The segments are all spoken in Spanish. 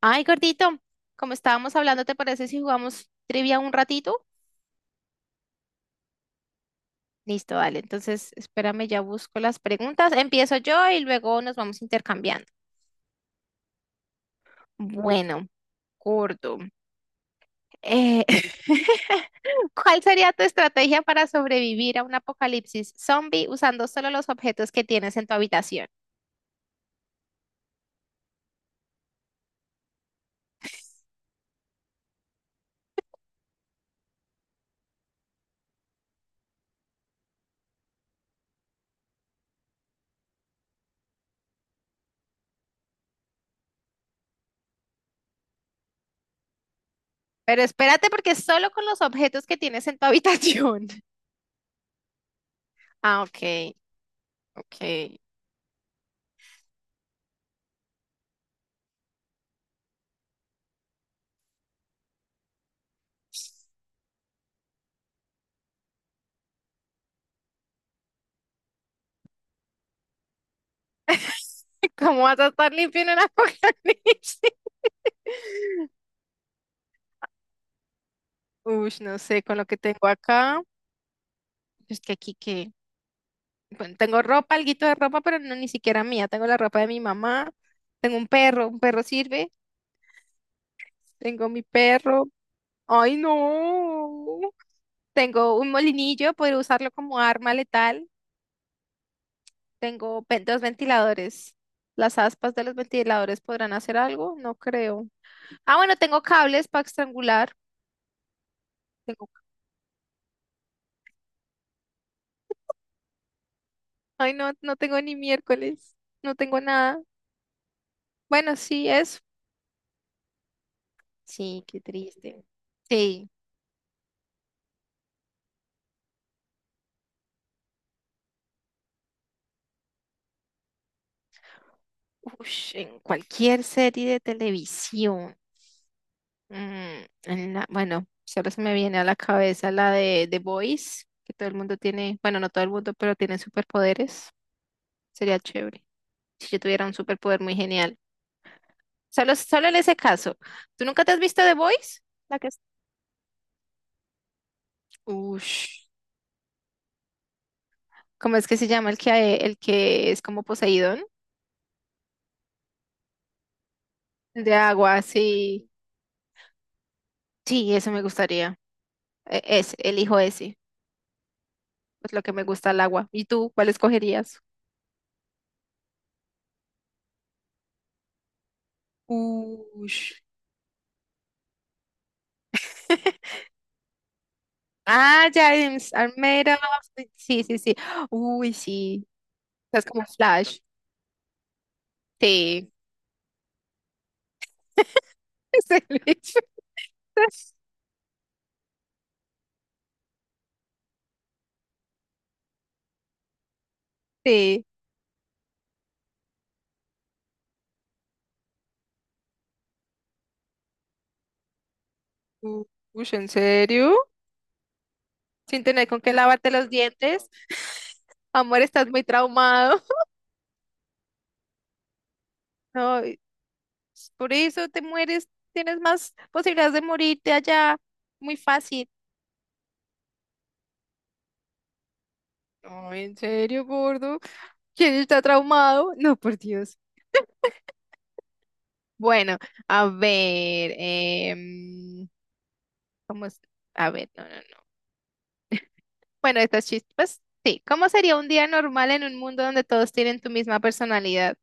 Ay, gordito, como estábamos hablando, ¿te parece si jugamos trivia un ratito? Listo, dale. Entonces, espérame, ya busco las preguntas. Empiezo yo y luego nos vamos intercambiando. Bueno, gordo, eh, ¿cuál sería tu estrategia para sobrevivir a un apocalipsis zombie usando solo los objetos que tienes en tu habitación? Pero espérate, porque solo con los objetos que tienes en tu habitación. Ah, ok, ok. ¿Cómo vas a estar limpio en un apocalipsis? Uy, no sé, con lo que tengo acá, es que aquí que, bueno, tengo ropa, alguito de ropa, pero no ni siquiera mía, tengo la ropa de mi mamá, tengo un perro sirve, tengo mi perro, ay no, tengo un molinillo, poder usarlo como arma letal, tengo dos ventiladores, las aspas de los ventiladores podrán hacer algo, no creo. Ah, bueno, tengo cables para estrangular, tengo, ay no, no tengo ni miércoles, no tengo nada, bueno, sí, eso. Sí, qué triste. Sí, ush, en cualquier serie de televisión. Bueno, solo se me viene a la cabeza la de The Boys, que todo el mundo tiene, bueno, no todo el mundo, pero tiene superpoderes. Sería chévere si yo tuviera un superpoder muy genial. Solo en ese caso. ¿Tú nunca te has visto The Boys? La que es... Ush. ¿Cómo es que se llama el que es como Poseidón? El de agua, sí. Sí, eso me gustaría. Ese, elijo ese. Pues lo que me gusta el agua. ¿Y tú, cuál escogerías? Ush. Ah, ya, James, are made of- Sí, sí, sí. Uy, sí. Es como Flash. Sí. Sí. Sí. Ush, ¿en serio? Sin tener con qué lavarte los dientes. Amor, estás muy traumado. No, y por eso te mueres. Tienes más posibilidades de morirte allá. Muy fácil. No, ¿en serio, gordo? ¿Quién está traumado? No, por Dios. Bueno, a ver, ¿cómo es? A ver, no, no, no. Bueno, estas chispas, sí. ¿Cómo sería un día normal en un mundo donde todos tienen tu misma personalidad?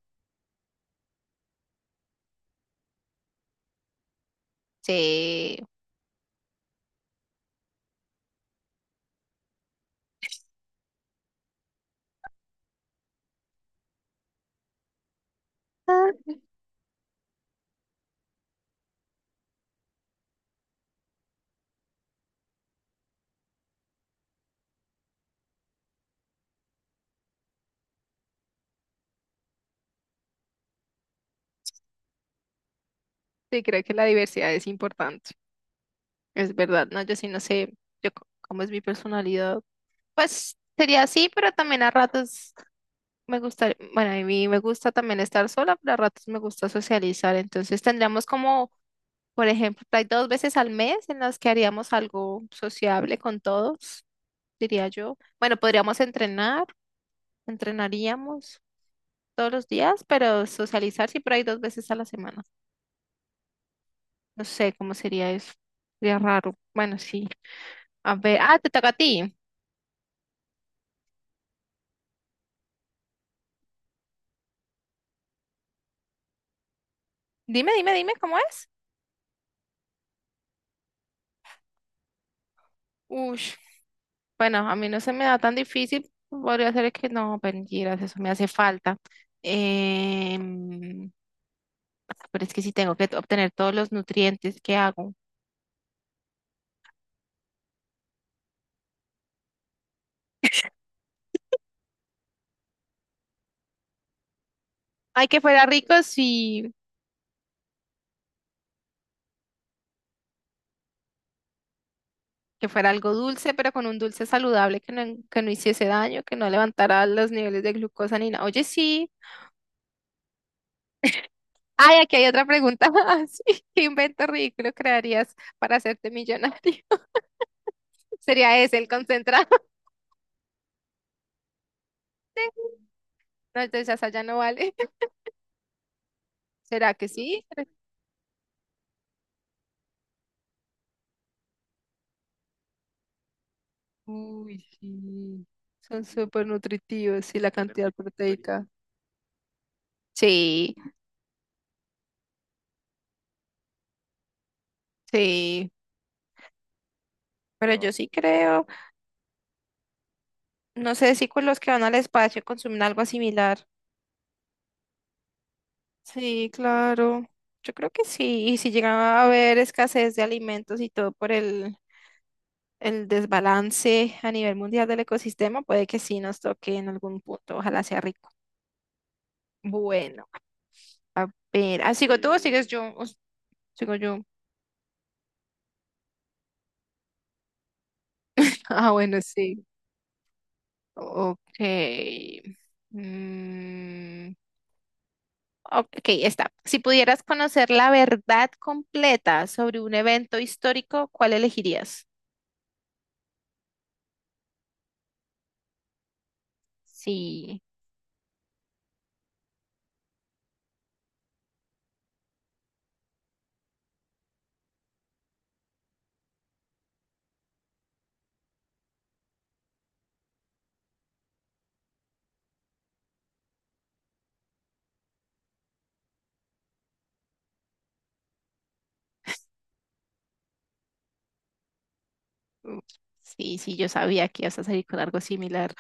Sí. Ah, sí, creo que la diversidad es importante. Es verdad, ¿no? Yo sí no sé yo, c- cómo es mi personalidad. Pues sería así, pero también a ratos me gusta, bueno, a mí me gusta también estar sola, pero a ratos me gusta socializar. Entonces tendríamos como... Por ejemplo, hay dos veces al mes en las que haríamos algo sociable con todos, diría yo. Bueno, podríamos entrenar, entrenaríamos todos los días, pero socializar sí, pero hay dos veces a la semana. No sé cómo sería eso. Sería raro. Bueno, sí. A ver, ah, te toca a ti. Dime, dime, dime cómo es. Uy, bueno, a mí no se me da tan difícil. Podría ser que no, mentiras, eso me hace falta. Em, pero es que sí tengo que obtener todos los nutrientes que hago. Ay, que fuera rico, sí, que fuera algo dulce, pero con un dulce saludable que no hiciese daño, que no levantara los niveles de glucosa ni nada. Oye, sí. Ay, aquí hay otra pregunta más. ¿Qué invento ridículo crearías para hacerte millonario? ¿Sería ese el concentrado? No, entonces esa ya no vale. ¿Será que sí? Uy, sí. Son súper nutritivos sí la cantidad proteica. Sí, sí. Pero yo sí creo. No sé si con los que van al espacio consumen algo similar. Sí, claro. Yo creo que sí. Y si llegaba a haber escasez de alimentos y todo el desbalance a nivel mundial del ecosistema, puede que sí nos toque en algún punto. Ojalá sea rico. Bueno, a ver. Ah, ¿sigo tú o sigues yo? Sigo yo. Ah, bueno, sí. Ok. Mm, ok, está. Si pudieras conocer la verdad completa sobre un evento histórico, ¿cuál elegirías? Sí. Mm, sí, sí, yo sabía que ibas a salir con algo similar.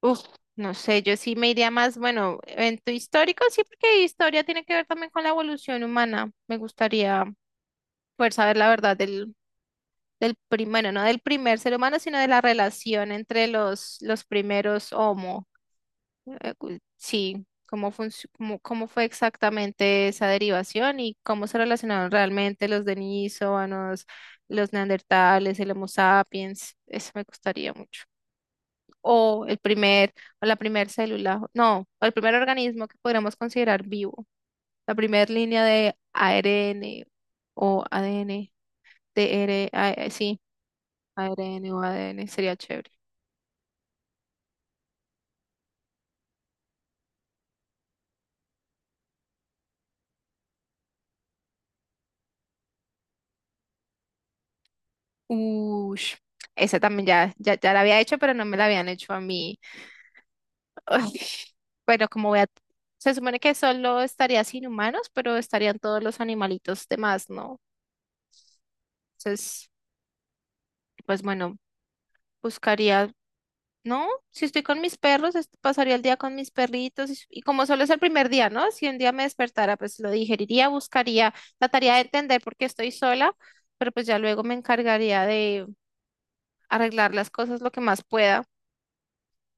Uf, no sé, yo sí me iría más, bueno, evento histórico, sí, porque historia tiene que ver también con la evolución humana. Me gustaría poder saber del primero, no del primer ser humano, sino de la relación entre los primeros homo. Sí, cómo fue exactamente esa derivación y cómo se relacionaron realmente los denisovanos, los neandertales, el Homo sapiens. Eso me gustaría mucho. o el primer, o la primer célula, no, o el primer organismo que podríamos considerar vivo, la primera línea de ARN o ADN, sí, ARN o ADN sería chévere. Ush, esa también ya, ya, ya la había hecho, pero no me la habían hecho a mí. Uy, bueno, se supone que solo estaría sin humanos, pero estarían todos los animalitos demás, ¿no? Entonces, pues bueno, buscaría... No, si estoy con mis perros, pasaría el día con mis perritos y como solo es el primer día, ¿no? Si un día me despertara, pues lo digeriría, buscaría, trataría de entender por qué estoy sola, pero pues ya luego me encargaría de arreglar las cosas lo que más pueda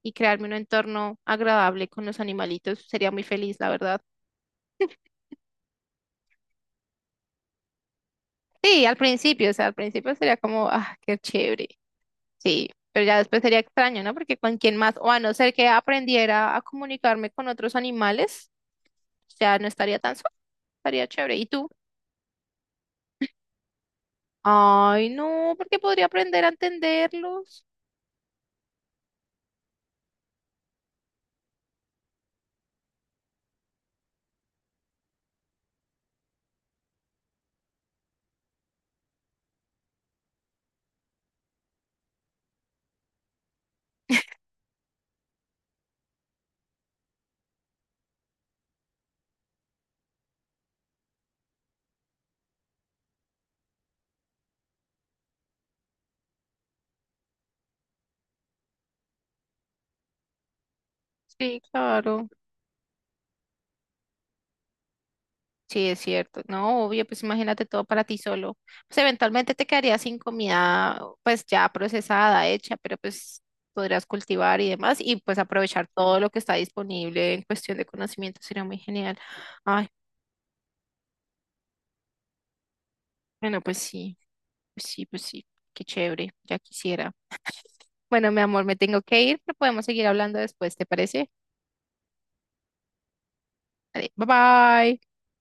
y crearme un entorno agradable con los animalitos. Sería muy feliz, la verdad. Sí, al principio, o sea, al principio sería como, ah, qué chévere. Sí, pero ya después sería extraño, ¿no? Porque con quién más, o a no ser que aprendiera a comunicarme con otros animales, ya no estaría tan sola. Estaría chévere. ¿Y tú? Ay, no, porque podría aprender a entenderlos. Sí, claro. Sí, es cierto. No, obvio, pues imagínate todo para ti solo. Pues eventualmente te quedaría sin comida, pues ya procesada, hecha, pero pues podrías cultivar y demás y pues aprovechar todo lo que está disponible en cuestión de conocimiento. Sería muy genial. Ay, bueno, pues sí, pues sí, pues sí. Qué chévere, ya quisiera. Bueno, mi amor, me tengo que ir, pero podemos seguir hablando después, ¿te parece? Dale, bye bye.